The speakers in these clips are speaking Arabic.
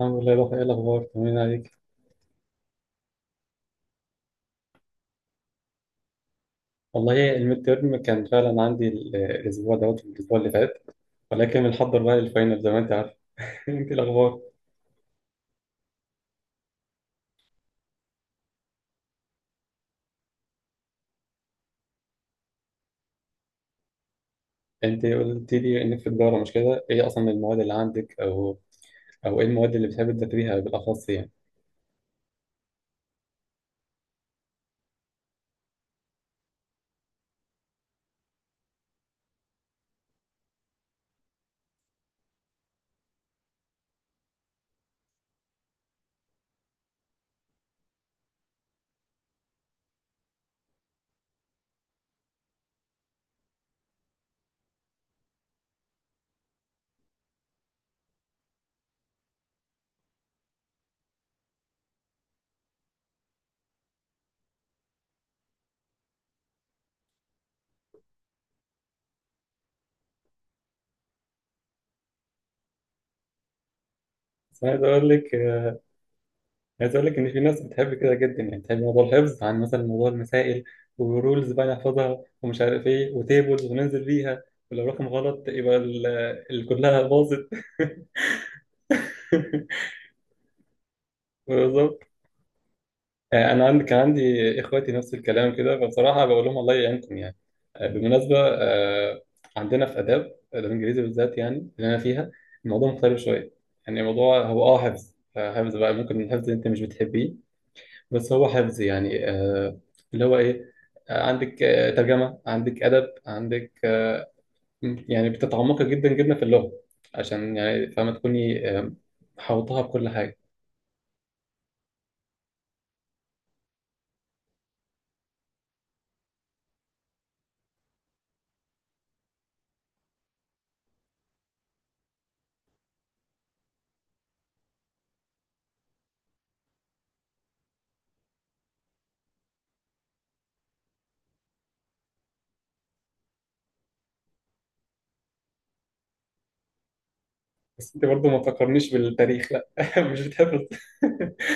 الحمد لله. روح، ايه الاخبار؟ طمنين عليك. والله الميد تيرم كان فعلا عندي الاسبوع دوت الاسبوع اللي فات، ولكن بنحضر بقى للفاينل زي ما انت عارف. انت إيه الاخبار؟ انت قلت لي انك في تجاره، مش كده؟ ايه اصلا المواد اللي عندك، او ايه المواد اللي بتحب تذاكريها بالاخص يعني؟ بس أنا عايز اقول لك، عايز اقول لك ان في ناس بتحب كده جدا، يعني بتحب موضوع الحفظ عن مثلا موضوع المسائل. ورولز بقى نحفظها ومش عارف ايه وتيبلز وننزل بيها، ولو رقم غلط يبقى كلها باظت. بالظبط. انا كان عندي اخواتي نفس الكلام كده، فبصراحه بقول لهم الله يعينكم يعني. بالمناسبه، عندنا في اداب، الانجليزي بالذات يعني اللي انا فيها، الموضوع مختلف شويه. يعني الموضوع هو حفظ، حفظ بقى، ممكن الحفظ انت مش بتحبيه بس هو حفظ يعني، اللي هو ايه، عندك ترجمه، عندك ادب، عندك، يعني بتتعمقي جدا جدا في اللغه، عشان يعني فاهمه تكوني محوطاها بكل حاجه. بس انت برضه ما تفكرنيش بالتاريخ، لا، مش بتحفظ.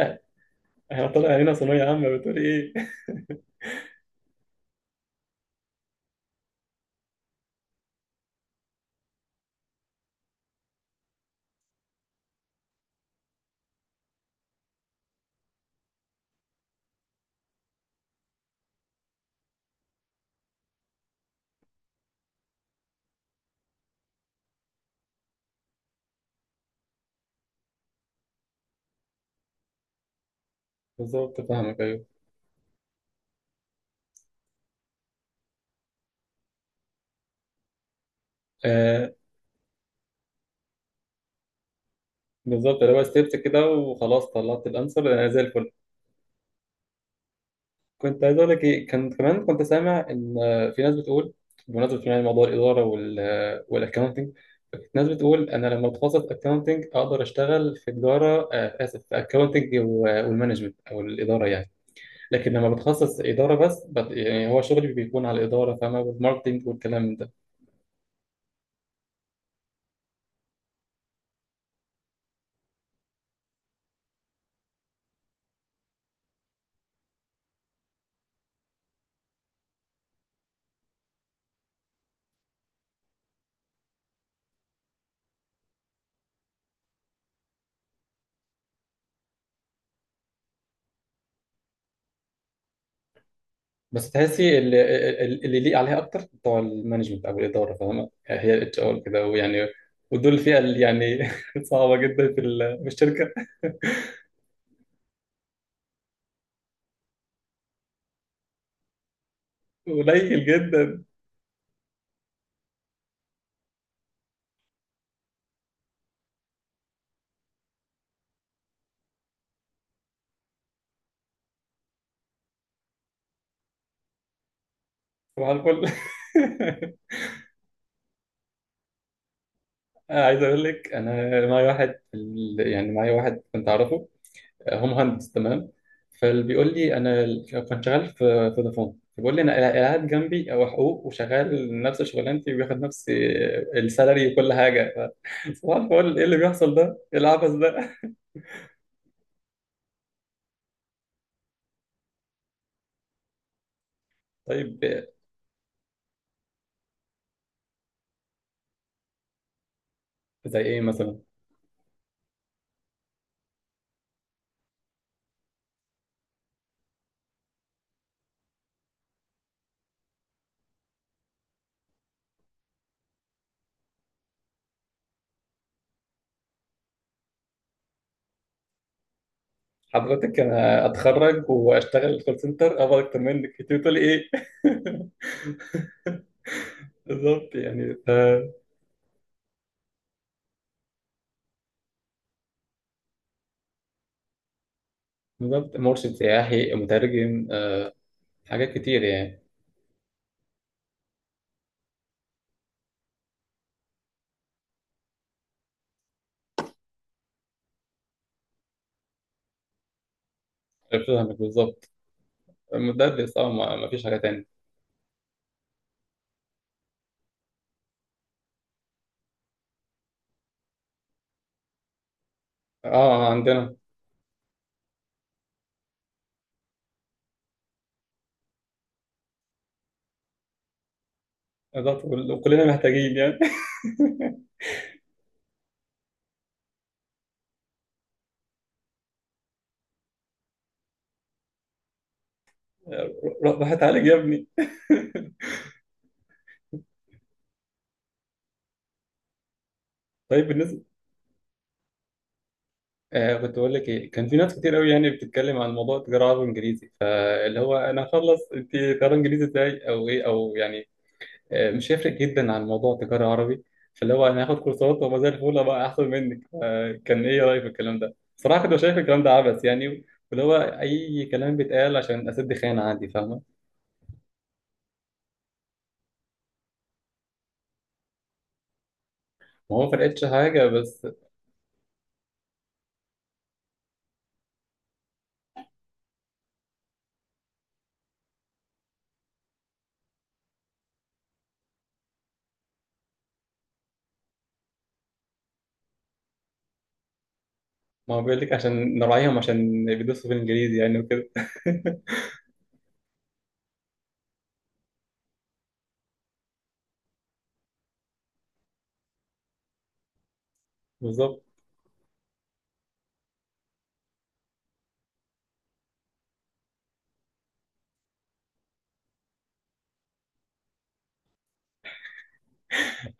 إح- احنا طالع هنا ثانوية عامة بتقول ايه؟ بالظبط، فاهمك. ايوه، آه بالظبط اللي هو ستيبس كده وخلاص طلعت الانسر انا زي الفل. كنت عايز اقول لك ايه، كان كمان كنت سامع ان في ناس بتقول، بمناسبة يعني موضوع الإدارة وال والأكونتنج. ناس بتقول أنا لما أتخصص أكونتنج أقدر أشتغل في تجارة، آسف، في أكونتنج والمانجمنت أو الإدارة يعني. لكن لما بتخصص إدارة بس، يعني هو شغلي بيكون على الإدارة، فاهمة، والماركتنج والكلام ده. بس تحسي اللي ليه عليها اكتر بتوع المانجمنت او الاداره، فاهمه يعني، هي الاتش ار كده ويعني، ودول فئه اللي يعني صعبه جدا في في الشركه. قليل جدا. صباح الفل. عايز اقول لك، انا معايا واحد في يعني معايا واحد كنت اعرفه، هو مهندس تمام. فبيقول لي انا كنت شغال في فودافون، فبيقول لي انا قاعد جنبي، او حقوق، وشغال نفس شغلانتي وبياخد نفس السالري وكل حاجه. صباح الفل، ايه اللي بيحصل ده؟ ايه العبث ده؟ طيب، زي ايه مثلا؟ حضرتك انا اتخرج واشتغل كول سنتر ابقى اكتر منك، انت بتقولي ايه؟ بالظبط يعني، بالظبط مرشد سياحي مترجم، حاجات كتير يعني. فاهمك بالظبط، مدرس، اه ما فيش حاجه تانية. اه عندنا. بالظبط كلنا محتاجين يعني. روح روح اتعالج يا ابني. طيب، بالنسبه، كنت بقول لك ايه، كان في ناس كتير قوي يعني بتتكلم عن موضوع التجاره عربي وانجليزي، فاللي هو انا هخلص انت تجاره انجليزي ازاي او ايه او يعني، مش هيفرق جدا عن موضوع التجاره عربي. فاللي هو انا هاخد كورسات وما زي الفل بقى احسن منك. كان ايه رايك في الكلام ده؟ صراحه كنت شايف الكلام ده عبث يعني، واللي هو اي كلام بيتقال عشان اسد خانه عندي، فاهمه؟ ما هو ما فرقتش حاجه بس. ما هو بيقول لك عشان نراعيهم، عشان بيدرسوا في الانجليزي يعني وكده. بالظبط.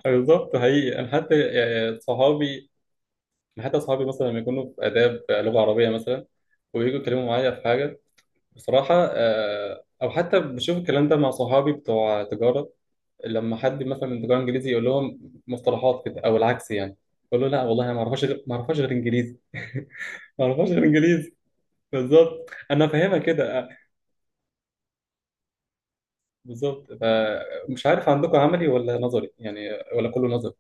بالظبط، حقيقي انا حتى يعني صحابي، أنا حتى صحابي مثلا لما يكونوا في اداب لغه عربيه مثلا ويجوا يتكلموا معايا في حاجه بصراحه، او حتى بشوف الكلام ده مع صحابي بتوع تجاره لما حد مثلا من تجاره انجليزي يقول لهم مصطلحات كده او العكس يعني، يقول له لا والله أنا ما اعرفهاش غير، انجليزي. ما اعرفهاش غير انجليزي. بالظبط انا فاهمها كده. بالظبط، فمش عارف عندكم عملي ولا نظري يعني، ولا كله نظري؟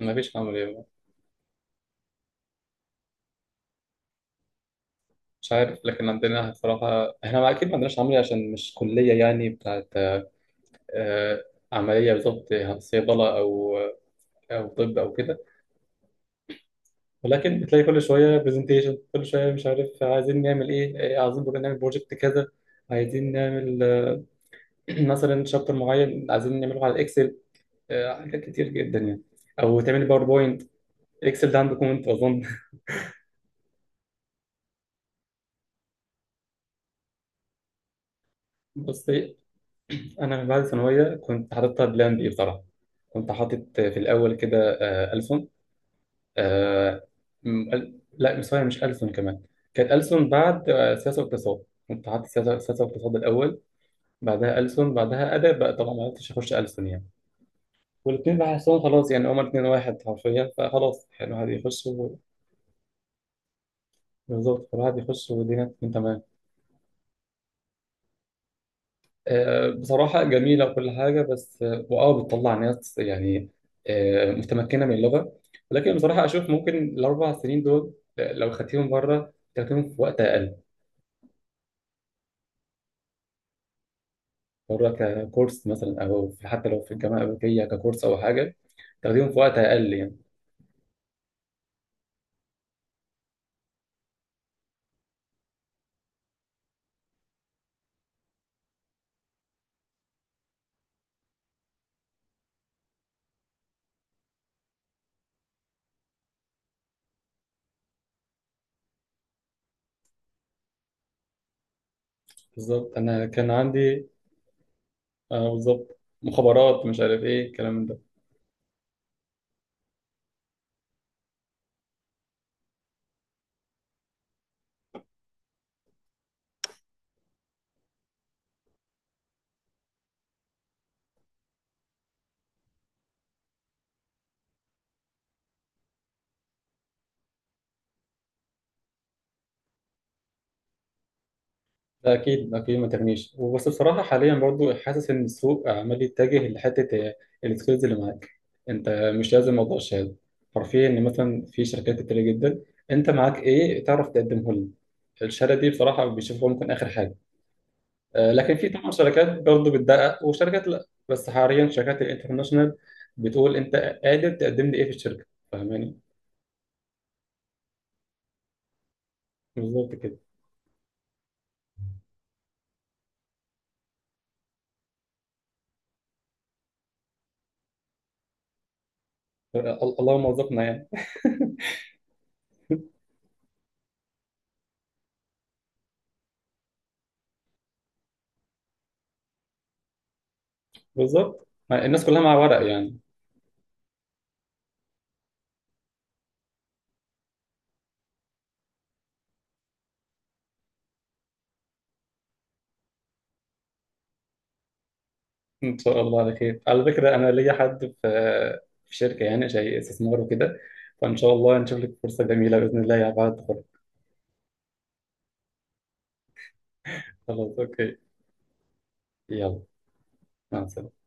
ما فيش عملي؟ مش عارف، لكن عندنا بصراحة احنا اكيد ما عندناش عملي عشان مش كلية يعني بتاعت، آه، عملية، بالظبط، صيدلة او، طب او كده. ولكن بتلاقي كل شوية برزنتيشن، كل شوية مش عارف عايزين نعمل ايه، إيه، عايزين بقى نعمل بروجكت كذا، عايزين نعمل مثلا شابتر معين عايزين نعمله على اكسل، حاجات كتير جدا يعني، او تعمل باوربوينت. اكسل ده عندكم انتوا اظن. بس انا من بعد الثانويه كنت حاططها بلان بي بصراحه. كنت حاطط في الاول كده، ألسن، آه، لا مش سوري، مش ألسن كمان. كانت ألسن بعد، سياسه واقتصاد. كنت حاطط سياسه واقتصاد الاول، بعدها ألسن، بعدها ادب بقى. طبعا ما عرفتش اخش ألسن يعني، والاثنين بحسهم خلاص يعني هما الاثنين واحد حرفيا، فخلاص يعني الواحد يخش بالظبط الواحد يخش والدنيا تكون تمام. بصراحة جميلة وكل حاجة، بس آه، وآه بتطلع ناس يعني متمكنة من اللغة، ولكن بصراحة أشوف ممكن الأربع سنين دول، لو خدتيهم بره تاخديهم في وقت أقل. بره ككورس مثلا، أو حتى لو في الجامعة الأمريكية ككورس أو حاجة، تاخديهم في وقت أقل يعني. بالظبط أنا كان عندي، بالظبط مخابرات مش عارف إيه الكلام ده. لا اكيد اكيد ما تغنيش، وبس بصراحه حاليا برضو حاسس ان السوق عمال يتجه لحته السكيلز اللي معاك انت. مش لازم موضوع الشهاده حرفيا، ان مثلا في شركات كتير جدا انت معاك ايه تعرف تقدمه لهم، الشهاده دي بصراحه بيشوفوها ممكن اخر حاجه. لكن في طبعا شركات برضو بتدقق وشركات لا، بس حاليا شركات الانترناشونال بتقول انت قادر تقدم لي ايه في الشركه، فاهماني. بالظبط كده. اللهم وفقنا يعني. بالظبط الناس كلها مع ورق يعني. ان شاء الله على خير. على فكره انا ليا حد في شركه يعني شيء استثمار وكده، فان شاء الله نشوف لك فرصه جميله باذن الله يا بعد التخرج. خلاص، اوكي. يلا، مع السلامه.